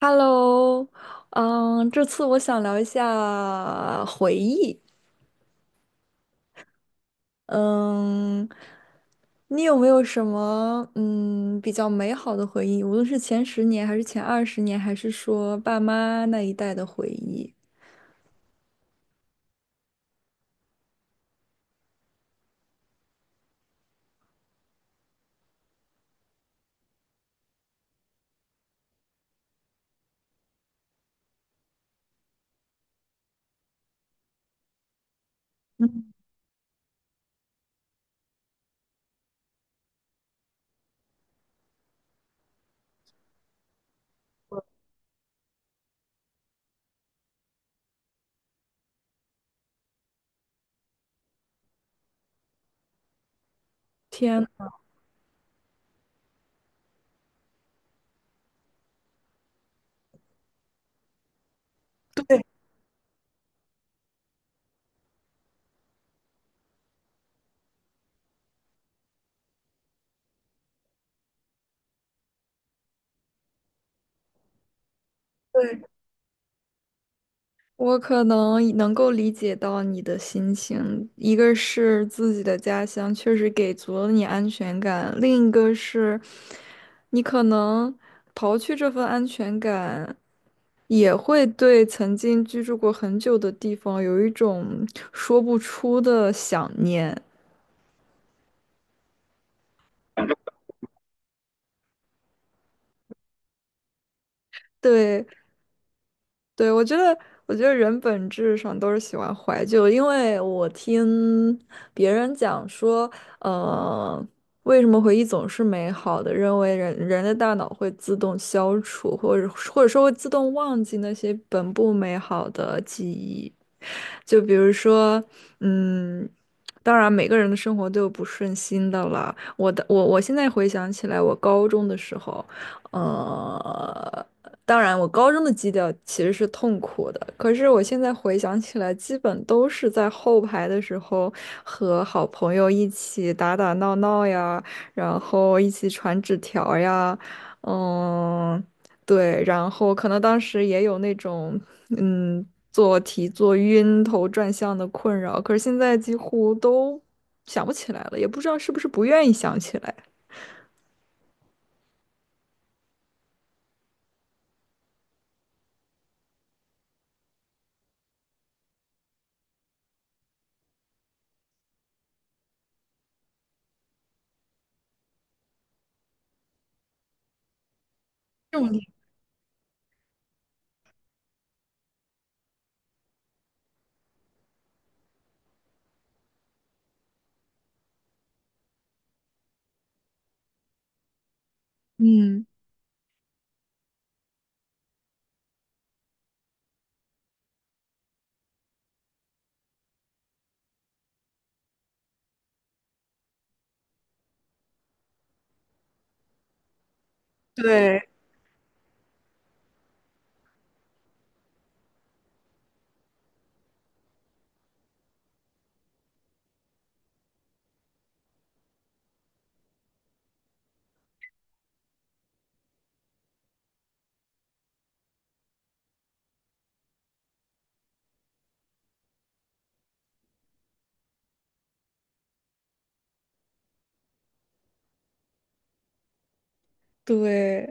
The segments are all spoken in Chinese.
Hello，这次我想聊一下回忆。嗯，你有没有什么比较美好的回忆？无论是前十年，还是前20年，还是说爸妈那一代的回忆？嗯，天，对，对，我可能能够理解到你的心情，一个是自己的家乡确实给足了你安全感，另一个是你可能刨去这份安全感，也会对曾经居住过很久的地方有一种说不出的想念。对，对，我觉得人本质上都是喜欢怀旧，因为我听别人讲说，呃，为什么回忆总是美好的？认为人人的大脑会自动消除，或者说会自动忘记那些本不美好的记忆。就比如说，嗯，当然每个人的生活都有不顺心的了。我现在回想起来，我高中的时候。呃，当然，我高中的基调其实是痛苦的，可是我现在回想起来，基本都是在后排的时候和好朋友一起打打闹闹呀，然后一起传纸条呀，嗯，对，然后可能当时也有那种嗯做题做晕头转向的困扰，可是现在几乎都想不起来了，也不知道是不是不愿意想起来。嗯，对对。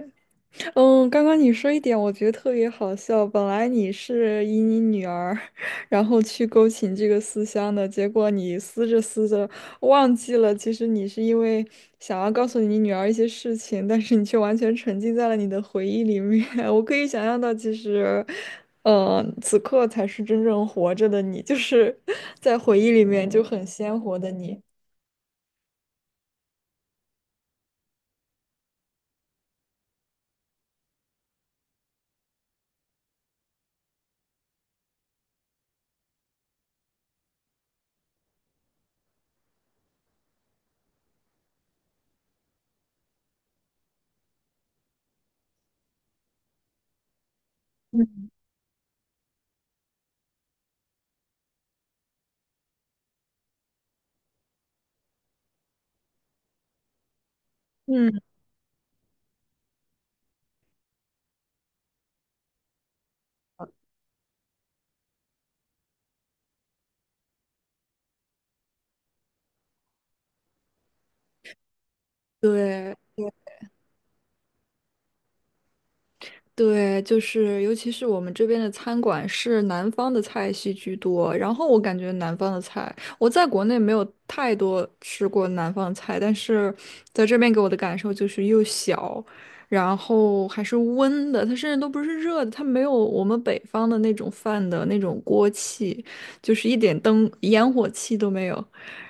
嗯，刚刚你说一点，我觉得特别好笑。本来你是以你女儿，然后去勾起这个思乡的，结果你思着思着忘记了，其实你是因为想要告诉你女儿一些事情，但是你却完全沉浸在了你的回忆里面。我可以想象到，其实，此刻才是真正活着的你，就是在回忆里面就很鲜活的你。嗯，嗯，对。对，就是尤其是我们这边的餐馆是南方的菜系居多，然后我感觉南方的菜，我在国内没有太多吃过南方的菜，但是在这边给我的感受就是又小，然后还是温的，它甚至都不是热的，它没有我们北方的那种饭的那种锅气，就是一点灯烟火气都没有。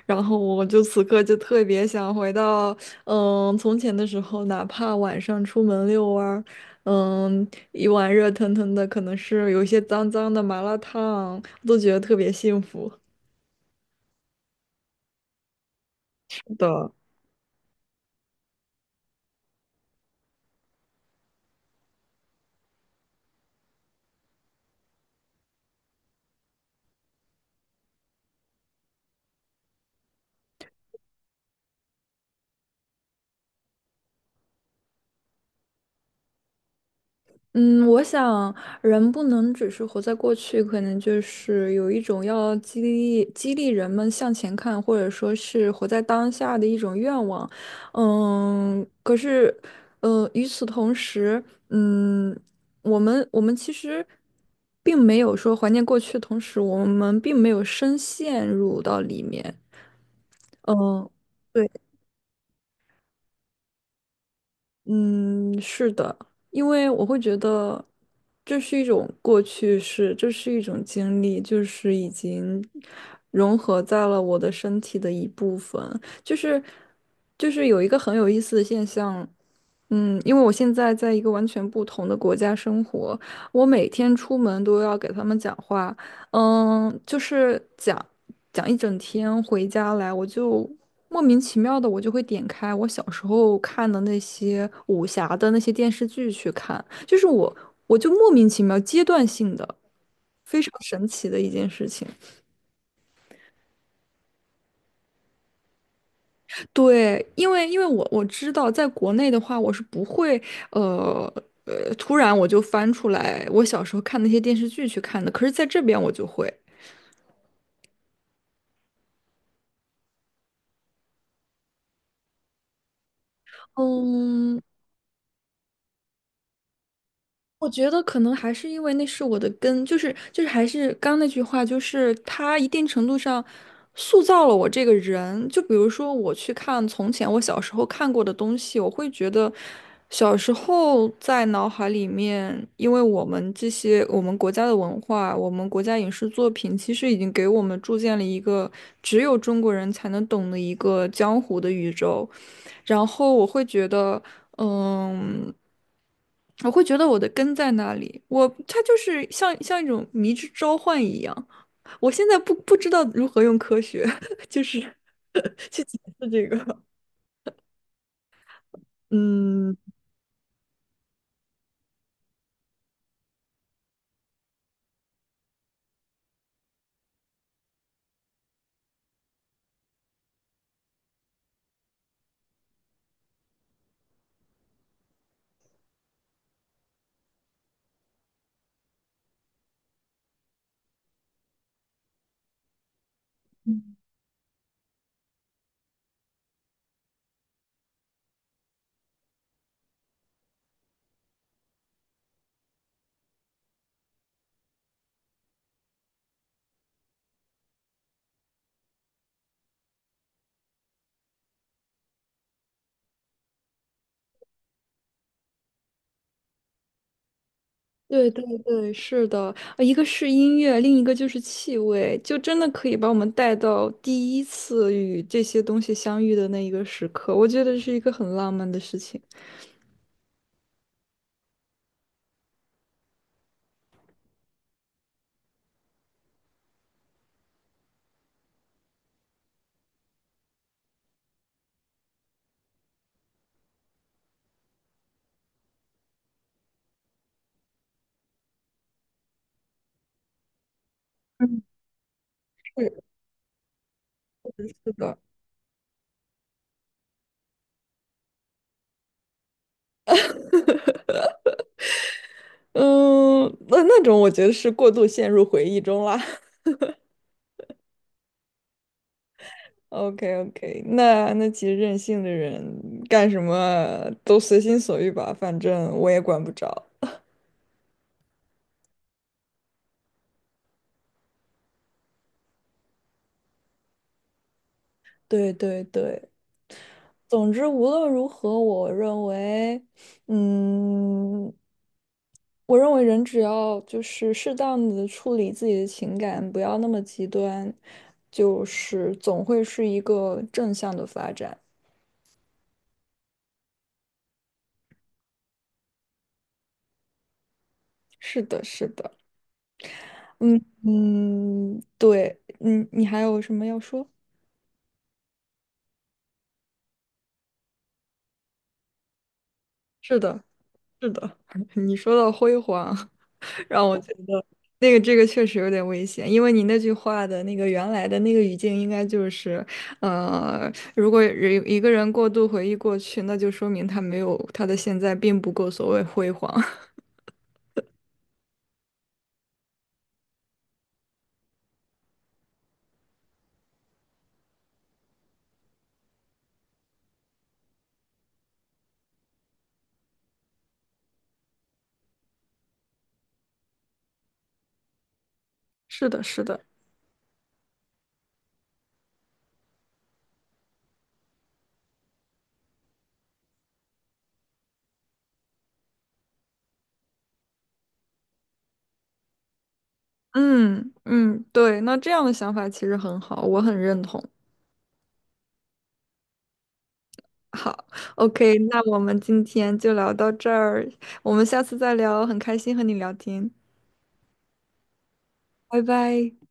然后我就此刻就特别想回到，从前的时候，哪怕晚上出门遛弯儿。嗯，一碗热腾腾的，可能是有一些脏脏的麻辣烫，都觉得特别幸福。的，嗯，我想人不能只是活在过去，可能就是有一种要激励人们向前看，或者说是活在当下的一种愿望。嗯，可是，与此同时，嗯，我们其实并没有说怀念过去，的同时我们并没有深陷入到里面。嗯，对，嗯，是的，因为我会觉得这是一种过去式，这是一种经历，就是已经融合在了我的身体的一部分。就是就是有一个很有意思的现象，嗯，因为我现在在一个完全不同的国家生活，我每天出门都要给他们讲话，嗯，就是讲一整天，回家来我就莫名其妙的，我就会点开我小时候看的那些武侠的那些电视剧去看，我就莫名其妙阶段性的，非常神奇的一件事情。对，因为我知道，在国内的话，我是不会呃突然我就翻出来我小时候看那些电视剧去看的，可是在这边我就会。嗯，我觉得可能还是因为那是我的根，还是刚刚那句话，就是它一定程度上塑造了我这个人。就比如说我去看从前我小时候看过的东西，我会觉得小时候在脑海里面，因为我们国家的文化，我们国家影视作品，其实已经给我们铸建了一个只有中国人才能懂的一个江湖的宇宙。然后我会觉得。嗯，我会觉得我的根在那里，我它就是像一种迷之召唤一样。我现在不知道如何用科学，就是 去解释这个。嗯，对对对，是的，一个是音乐，另一个就是气味，就真的可以把我们带到第一次与这些东西相遇的那一个时刻。我觉得是一个很浪漫的事情。嗯，是是的。嗯，那那种我觉得是过度陷入回忆中啦。OK OK，那那其实任性的人干什么都随心所欲吧，反正我也管不着。对对对，总之无论如何，我认为，嗯，我认为人只要就是适当的处理自己的情感，不要那么极端，就是总会是一个正向的发展。是的，是的。嗯嗯，对，嗯，你还有什么要说？是的，是的，你说到辉煌，让我觉得那个这个确实有点危险，因为你那句话的那个原来的那个语境应该就是，如果一个人过度回忆过去，那就说明他没有他的现在并不够所谓辉煌。是的，是的，嗯嗯，对，那这样的想法其实很好，我很认同。好，OK，那我们今天就聊到这儿，我们下次再聊，很开心和你聊天，拜拜。